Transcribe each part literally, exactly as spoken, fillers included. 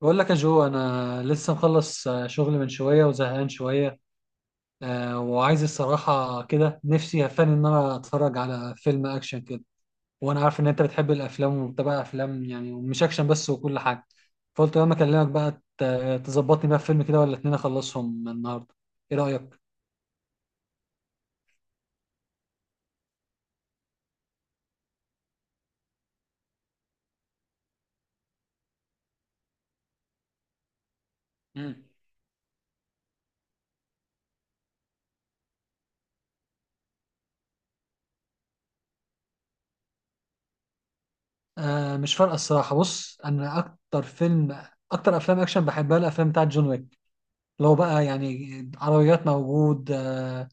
بقول لك يا جو، انا لسه مخلص آه، شغل من شويه وزهقان شويه. آه، وعايز الصراحه كده نفسي هفاني ان انا اتفرج على فيلم اكشن كده. وانا عارف ان انت بتحب الافلام وبتابع افلام، يعني ومش اكشن بس وكل حاجه. فقلت لما اكلمك بقى ت- تظبطني بقى في فيلم كده ولا اتنين اخلصهم النهارده. ايه رايك؟ مم. آه، مش فارقه الصراحه. بص، انا اكتر فيلم اكتر افلام اكشن بحبها الافلام بتاعت جون ويك. لو بقى يعني عربيات موجود، آه،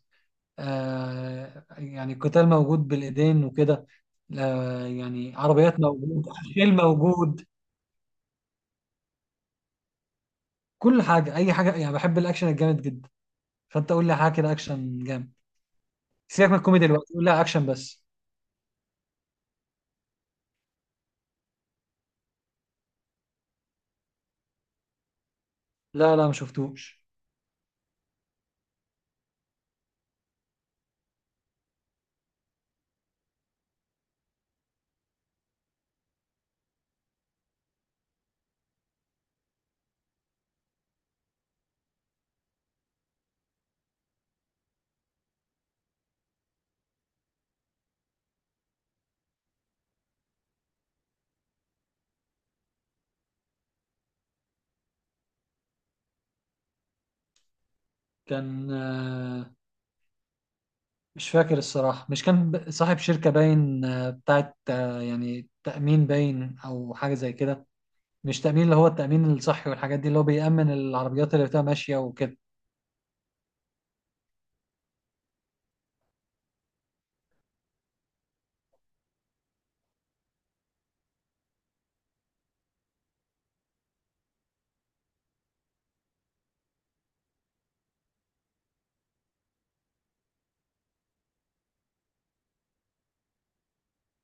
آه يعني قتال موجود بالايدين وكده، آه يعني عربيات موجود، خيل موجود، كل حاجه، اي حاجه. يعني بحب الاكشن الجامد جدا. فانت قول لي حاجه كده اكشن جامد. سيبك من الكوميدي دلوقتي، قول لي اكشن بس. لا، لا، ما شفتوش. كان آه مش فاكر الصراحه. مش كان ب- صاحب شركه باين آه بتاعت آه يعني تامين باين او حاجه زي كده. مش تامين، اللي هو التامين الصحي والحاجات دي، اللي هو بيامن العربيات اللي بتبقى ماشيه وكده.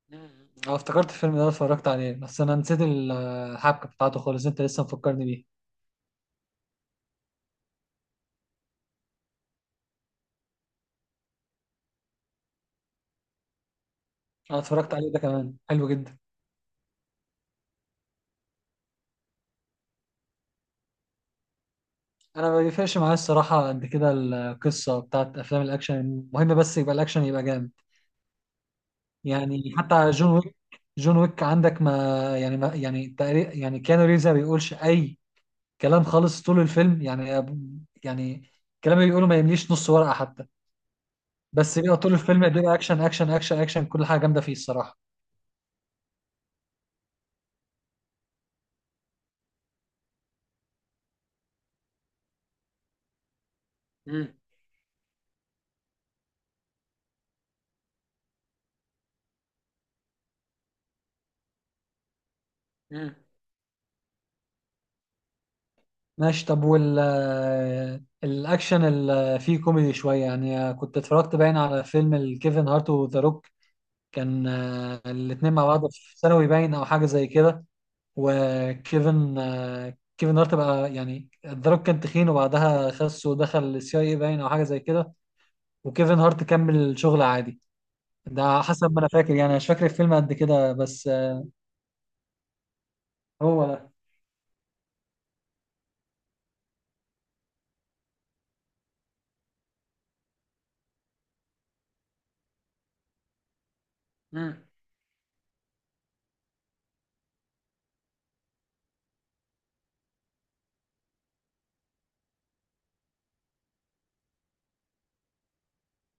مم. اه، افتكرت الفيلم ده اتفرجت عليه، بس انا نسيت ال- الحبكه بتاعته خالص، انت لسه مفكرني بيه. انا اتفرجت عليه ده كمان، حلو جدا. انا ما بيفرقش معايا الصراحه قد كده القصه بتاعت افلام الاكشن، المهم بس يبقى الاكشن يبقى جامد. يعني حتى جون ويك، جون ويك عندك ما يعني ما يعني تقريبا، يعني كيانو ريفز ما بيقولش اي كلام خالص طول الفيلم، يعني. يعني الكلام اللي بيقوله ما يمليش نص ورقه حتى. بس بيبقى طول الفيلم بيبقى اكشن اكشن اكشن اكشن، كل حاجه جامده فيه الصراحه. مم. مم. ماشي. طب وال آه، الأكشن اللي فيه كوميدي شوية، يعني كنت اتفرجت باين على فيلم الكيفن هارت وذا روك. كان آه، الاتنين مع بعض في ثانوي باين أو حاجة زي كده. وكيفن آه، كيفن هارت بقى، يعني ذا روك كان تخين وبعدها خس ودخل السي اي باين أو حاجة زي كده، وكيفن هارت كمل شغل عادي. ده حسب ما أنا فاكر، يعني مش فاكر الفيلم قد كده بس. آه، هو ده. مم.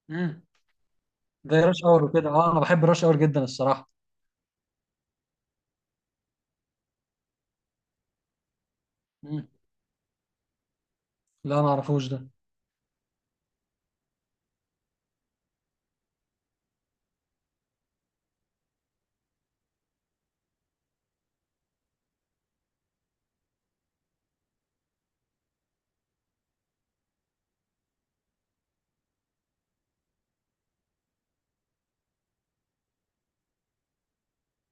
مم. زي راش اور وكده. اه، أنا بحب راش اور جدا الصراحة. مم. لا، ما أعرفوش ده.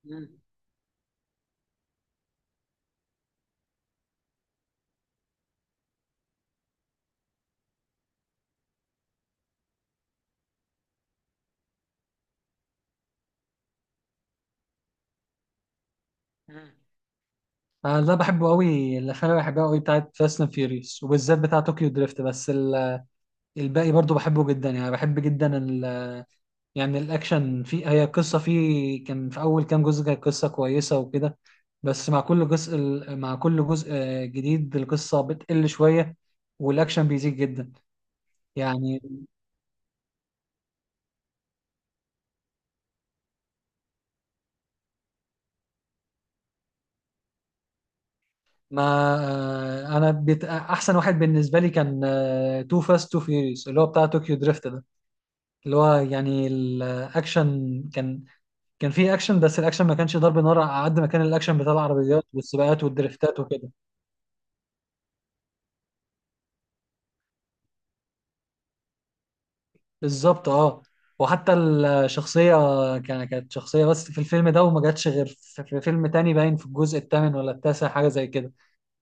مم. مم. انا ده بحبه قوي. الافلام اللي بحبها قوي بتاعت فاست اند فيوريوس، وبالذات بتاع طوكيو دريفت، بس ال- الباقي برضو بحبه جدا. يعني بحب جدا ال يعني الاكشن في هي، القصه فيه كان في اول كام جزء كانت قصه كويسه وكده، بس مع كل جزء، مع كل جزء آه، جديد، القصه بتقل شويه والاكشن بيزيد جدا. يعني ما آه، انا بت... احسن واحد بالنسبه لي كان تو فاست تو فيوريوس، اللي هو بتاع طوكيو دريفت، اللي هو يعني الاكشن كان، كان فيه اكشن بس الاكشن ما كانش ضرب نار على قد ما كان الاكشن بتاع العربيات والسباقات والدريفتات وكده. بالظبط، اه. وحتى الشخصية، كان كانت شخصية بس في الفيلم ده وما جاتش غير في في فيلم تاني باين في الجزء الثامن ولا التاسع حاجة زي كده،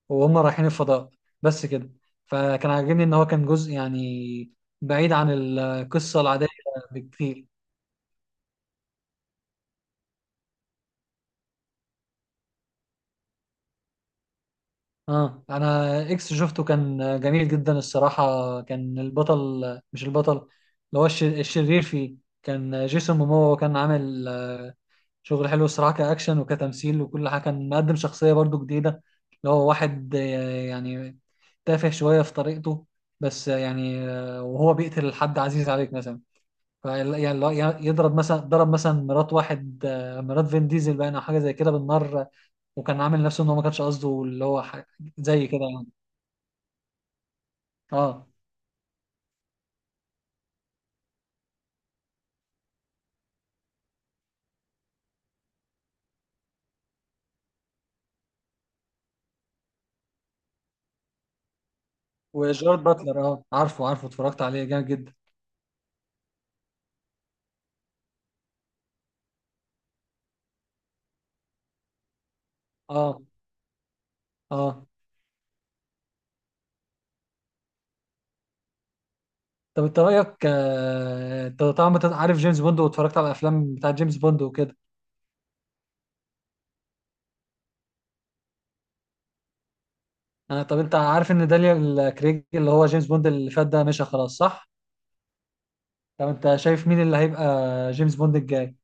وهم رايحين الفضاء، بس كده. فكان عاجبني ان هو كان جزء يعني بعيد عن القصة العادية بكتير. اه، انا اكس شفته كان جميل جدا الصراحه. كان البطل، مش البطل، اللي هو الش- الشرير فيه كان جيسون مومو، وكان عامل آه، شغل حلو الصراحه كاكشن وكتمثيل وكل حاجه. كان مقدم شخصيه برضو جديده، اللي هو واحد آه، يعني تافه شويه في طريقته بس. آه، يعني آه، وهو بيقتل حد عزيز عليك مثلا. ف- يعني، لو- يعني يضرب مثلا ضرب مثلا مرات واحد آه، مرات فين ديزل باين او حاجه زي كده بالنار. وكان عامل نفسه ان هو ما كانش قصده، اللي هو ح- زي كده يعني. اه، وجارد باتلر، اه، عارفه، عارفه، اتفرجت عليه جامد جدا. اه. اه. طب انت رايك آه، انت طبعا أنت عارف جيمس بوند واتفرجت على الافلام بتاع جيمس بوند وكده. آه، طب انت عارف ان دانيال كريج اللي هو جيمس بوند اللي فات ده مشى خلاص، صح؟ طب انت شايف مين اللي هيبقى جيمس بوند الجاي؟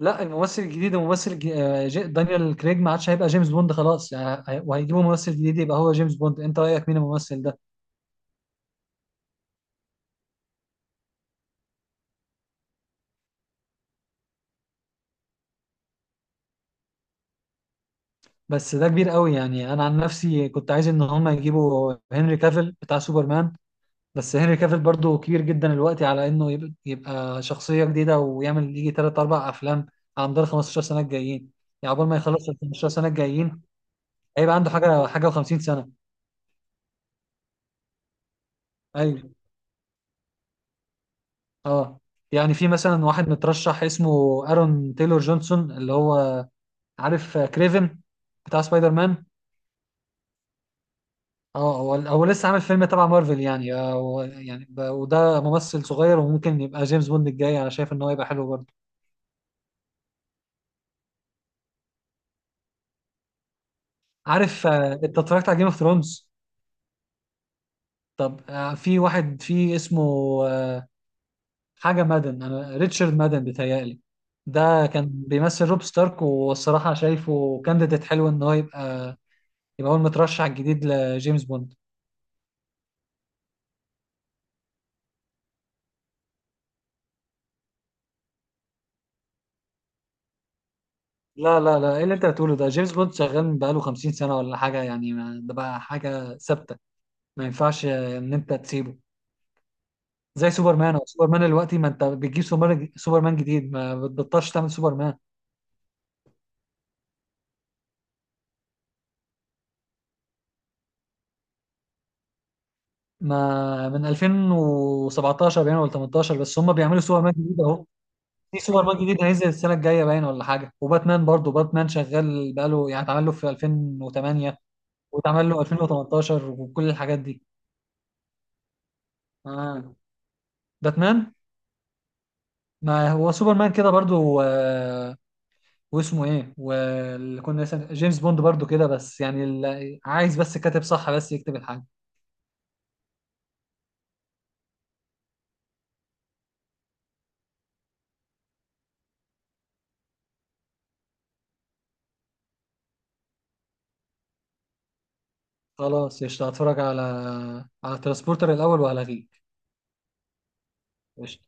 لا، الممثل الجديد، الممثل الج- آه، جي- دانيال كريج ما عادش هيبقى جيمس بوند خلاص، يعني هي- وهيجيبوا ممثل جديد يبقى هو جيمس بوند. انت رايك مين الممثل ده؟ بس ده كبير قوي يعني. انا عن نفسي كنت عايز ان هم يجيبوا هنري كافيل بتاع سوبرمان، بس هنري كافيل برضو كبير جدا الوقت على انه يب- يبقى شخصية جديدة ويعمل يجي ثلاثة أربعة افلام على مدار خمسة عشر سنة الجايين. يعني عقبال ما يخلص ال خمسة عشر سنة الجايين هيبقى عنده حاجة، حاجة و50 سنة. ايوه. اه. يعني في مثلا واحد مترشح اسمه ارون تايلور جونسون، اللي هو، عارف كريفن بتاع سبايدر مان؟ اه، هو هو لسه عامل فيلم تبع مارفل، يعني آه، هو يعني، ب- وده ممثل صغير وممكن يبقى جيمس بوند الجاي. انا شايف ان هو يبقى حلو برضه. عارف آه، انت اتفرجت على جيم اوف ثرونز؟ طب آه، في واحد في اسمه آه، حاجه مادن، انا ريتشارد مادن بيتهيألي. ده كان بيمثل روب ستارك، والصراحه شايفه كانديديت حلو ان هو يبقى يبقى هو المترشح الجديد لجيمس بوند. لا، لا، لا، ايه اللي انت بتقوله ده؟ جيمس بوند شغال بقاله خمسين سنه ولا حاجه يعني، ما- ده بقى حاجه ثابته. ما ينفعش آه، ان انت تسيبه. زي سوبرمان، او سوبرمان دلوقتي، ما انت بتجيب سوبرمان، سوبرمان جديد، ما بتبطلش تعمل سوبرمان. ما من الفين وسبعتاشر باين ولا تمنتاشر بس هم بيعملوا سوبرمان جديد اهو. في سوبرمان جديد هينزل السنه الجايه باين ولا حاجه. وباتمان برضه، باتمان شغال بقاله، يعني اتعمل له في ألفين وثمانية واتعمل له الفين وتمنتاشر وكل الحاجات دي. آه. باتمان. ما هو سوبرمان كده برضه. آه، واسمه ايه، واللي كنا لسه- جيمس بوند برضه كده، بس يعني ال- عايز بس كاتب صح بس يكتب الحاجه. خلاص قشطة، هتفرج على على ترانسبورتر الأول وهلغيك. قشطة.